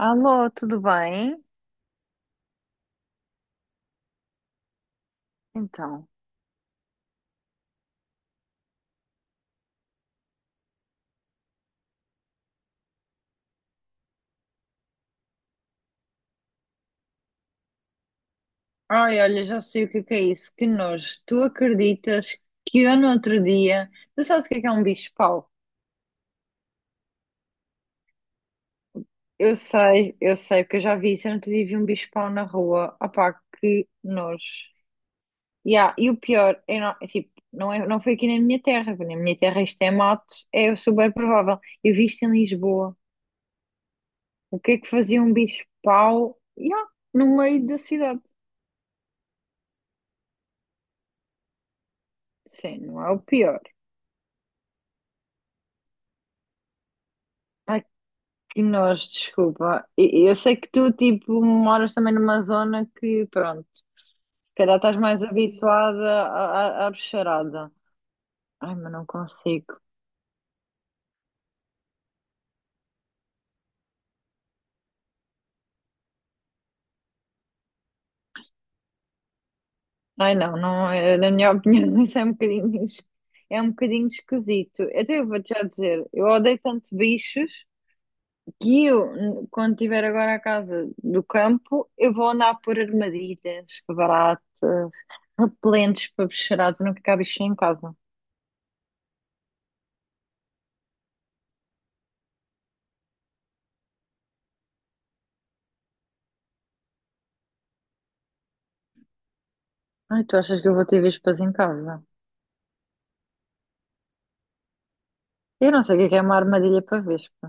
Alô, tudo bem? Então, ai, olha, já sei o que é isso. Que nojo. Tu acreditas que eu no outro dia. Tu sabes o que é um bicho-pau? Eu sei, porque eu já vi isso. Eu no outro dia vi um bicho-pau na rua. Opá, que nojo. Yeah, e o pior, eu não, é tipo, não, é, não foi aqui na minha terra, porque na minha terra isto é mato, é super provável. Eu vi isto em Lisboa. O que é que fazia um bicho-pau? Yeah, no meio da cidade. Sim, não é o pior. Que nós, desculpa. Eu sei que tu, tipo, moras também numa zona que, pronto, se calhar estás mais habituada à bicharada. Ai, mas não consigo. Ai, não, não, na minha opinião, isso é um bocadinho, é um bocadinho esquisito. Então eu vou-te já dizer, eu odeio tanto bichos que quando tiver agora a casa do campo, eu vou andar por armadilhas, baratas, repelentes para bicharada, nunca cá há bichinho em casa. Ai, tu achas que eu vou ter vespas em casa? Eu não sei o que é uma armadilha para vespa.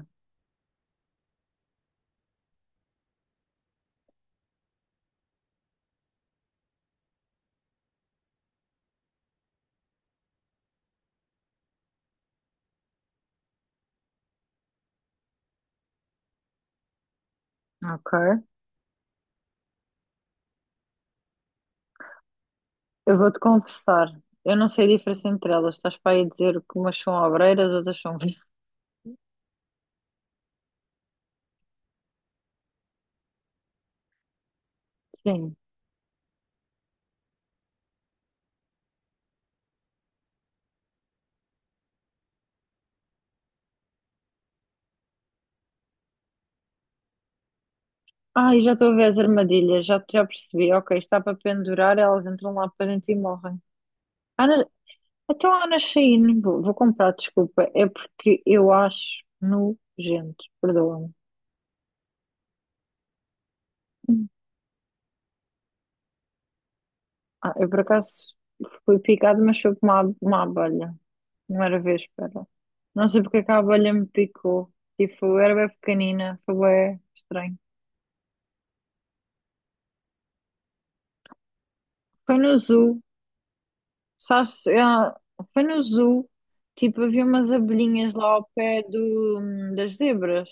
Ok. Eu vou-te confessar. Eu não sei a diferença entre elas. Estás para aí dizer que umas são obreiras, outras são vespas. Sim. Ai, já estou a ver as armadilhas. Já percebi. Ok, está para pendurar, elas entram lá para dentro e morrem. Ana, então a Ana Shein, vou comprar, desculpa. É porque eu acho nojento. Perdoa-me. Hum. Ah, eu por acaso fui picada, mas foi por uma, uma abelha. Primeira vez, espera. Não sei porque é que a abelha me picou. Tipo, eu era bem pequenina, foi bem estranho. Foi no zoo, sabes? Foi no zoo, tipo, havia umas abelhinhas lá ao pé das zebras.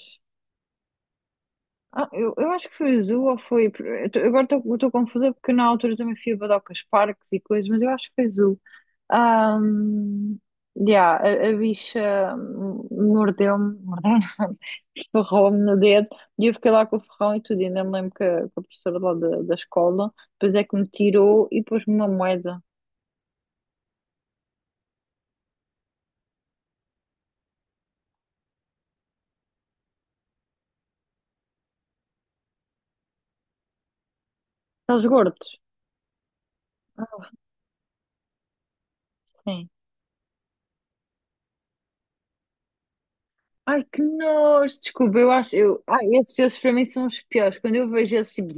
Ah, eu acho que foi azul ou foi. Agora estou confusa porque na altura também fui a Badocas Parques e coisas, mas eu acho que foi azul. Ahm, yeah, a bicha mordeu-me, mordeu não, ferrou-me no dedo e eu fiquei lá com o ferrão e tudo. E ainda me lembro que que a professora lá da escola depois é que me tirou e pôs-me uma moeda. Estás gordos? Sim. Ai, que nojo! Desculpa, eu acho. Eu, ai, esses para mim são os piores. Quando eu vejo esses tipo.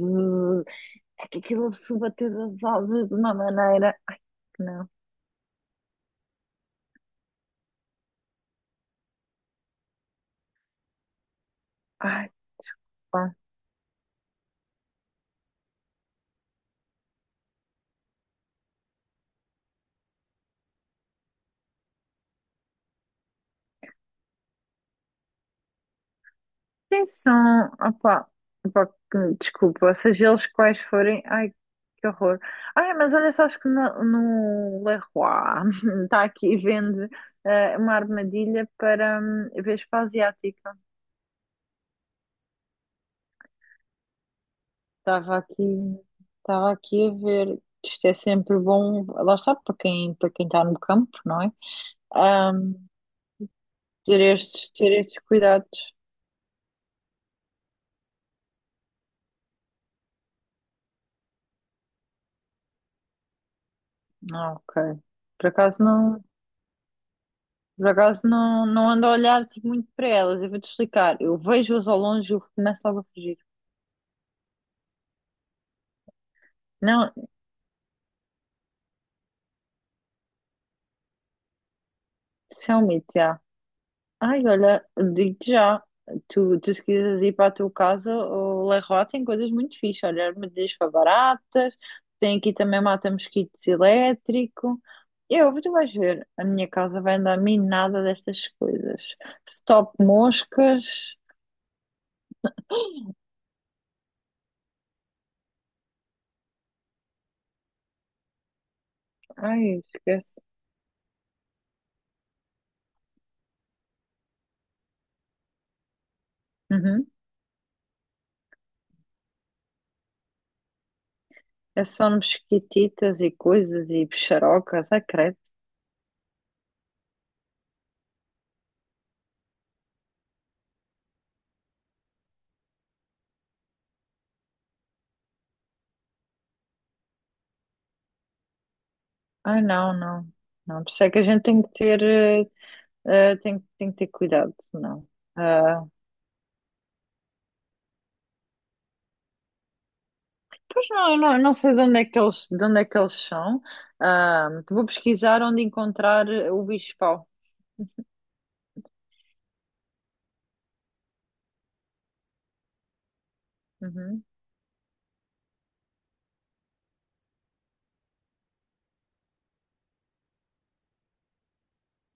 É que aquilo se bater das asas de uma maneira. Ai, que não. Ai, pá. Quem são? Opá. Opá, desculpa, seja eles quais forem. Ai, que horror. Ai, mas olha, sabes que no Leroy está aqui vende uma armadilha para Vespa Asiática. Estava aqui, estava aqui a ver. Isto é sempre bom, lá está, para quem está no campo, não é? Hum, ter estes cuidados. Ah, ok. Por acaso não, por acaso não, não ando a olhar tipo, muito para elas. Eu vou-te explicar. Eu vejo-as ao longe e eu começo logo a fugir. Não, isso é um mito, já. Ai, olha, digo-te já. Tu se quiseres ir para a tua casa, o Leroy tem coisas muito fixas. Olha, armadilhas para baratas. Tem aqui também mata-mosquitos elétrico. Eu, tu vais ver. A minha casa vai andar minada destas coisas. Stop moscas. Ai, esquece. Uhum. É só mosquititas e coisas e bicharocas, ah, credo. Ai, não, não, não. Por isso é que a gente tem que ter, tem, tem que ter cuidado, não. Ah, pois não, eu não, eu não sei de onde é que eles, de onde é que eles são. Ah, vou pesquisar onde encontrar o bicho-pau. Uhum.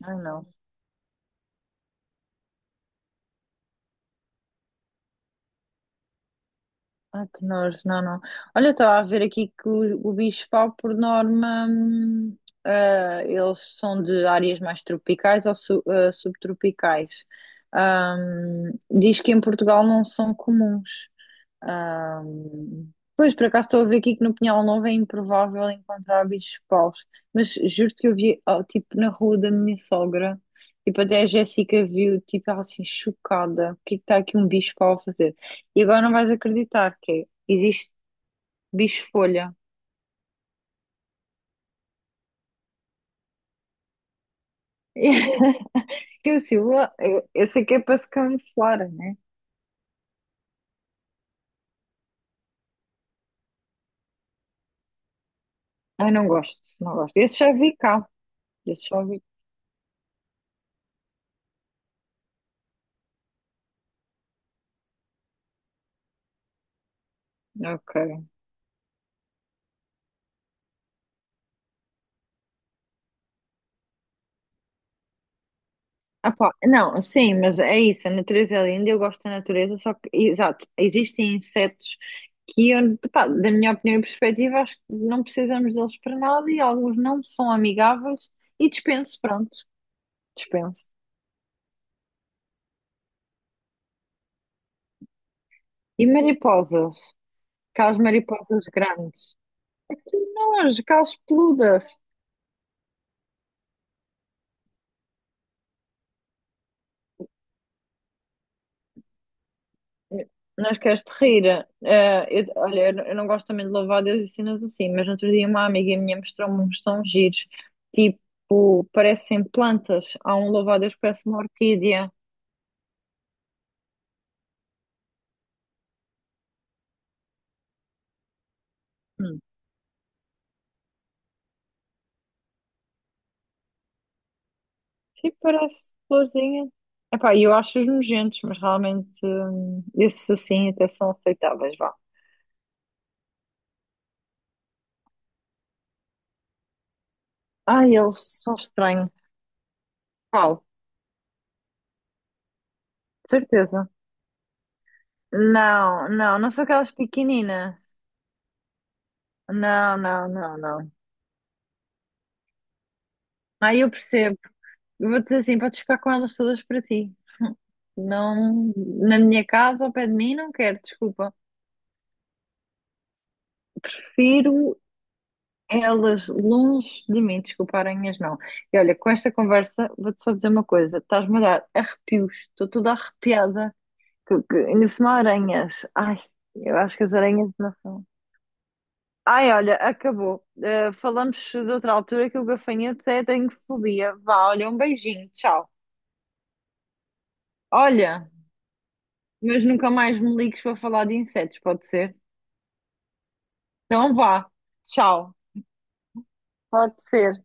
Ai, não. Ai, que nojo, não, não. Olha, estava a ver aqui que o bicho-pau, por norma, eles são de áreas mais tropicais ou subtropicais. Diz que em Portugal não são comuns. Pois, por acaso estou a ver aqui que no Pinhal Novo é improvável encontrar bichos paus, mas juro que eu vi, ah, tipo, na rua da minha sogra, tipo, até a Jéssica viu, tipo, ela assim, chocada, o que é que está aqui um bicho pau a fazer? E agora não vais acreditar que é, existe bicho-folha. Que eu, assim, ué, eu sei que é para se camuflar, né? Ai, não gosto, não gosto. Esse já vi cá, esse já vi. Ok. Ah, pá, não, sim, mas é isso, a natureza é linda, eu gosto da natureza, só que, exato, existem insetos que eu, pá, da minha opinião e perspectiva, acho que não precisamos deles para nada e alguns não são amigáveis e dispenso, pronto, dispenso. E mariposas, aquelas mariposas grandes, não, aquelas peludas. Não queres te rir? Olha, eu não gosto também de louvar a Deus e cenas assim, mas no outro dia uma amiga minha mostrou-me uns tons giros, tipo, parecem plantas. Há um louvar a Deus que parece uma orquídea. Hum. Tipo, parece florzinha. Epá, eu acho-os nojentos, mas realmente esses assim até são aceitáveis, vá. Ai, eles são estranhos. Qual? Certeza. Não, não, não são aquelas pequeninas. Não, não, não, não. Ah, eu percebo. Eu vou dizer assim, podes ficar com elas todas para ti. Não, na minha casa, ao pé de mim, não quero, desculpa. Prefiro elas longe de mim, desculpa, aranhas não. E olha, com esta conversa, vou-te só dizer uma coisa: estás-me a dar arrepios, estou toda arrepiada. Ainda por cima, aranhas. Ai, eu acho que as aranhas não são. Ai, olha, acabou. Eh, falamos de outra altura que o gafanhoto é, tenho fobia. Vá, olha, um beijinho, tchau. Olha, mas nunca mais me ligues para falar de insetos, pode ser? Então vá, tchau. Pode ser.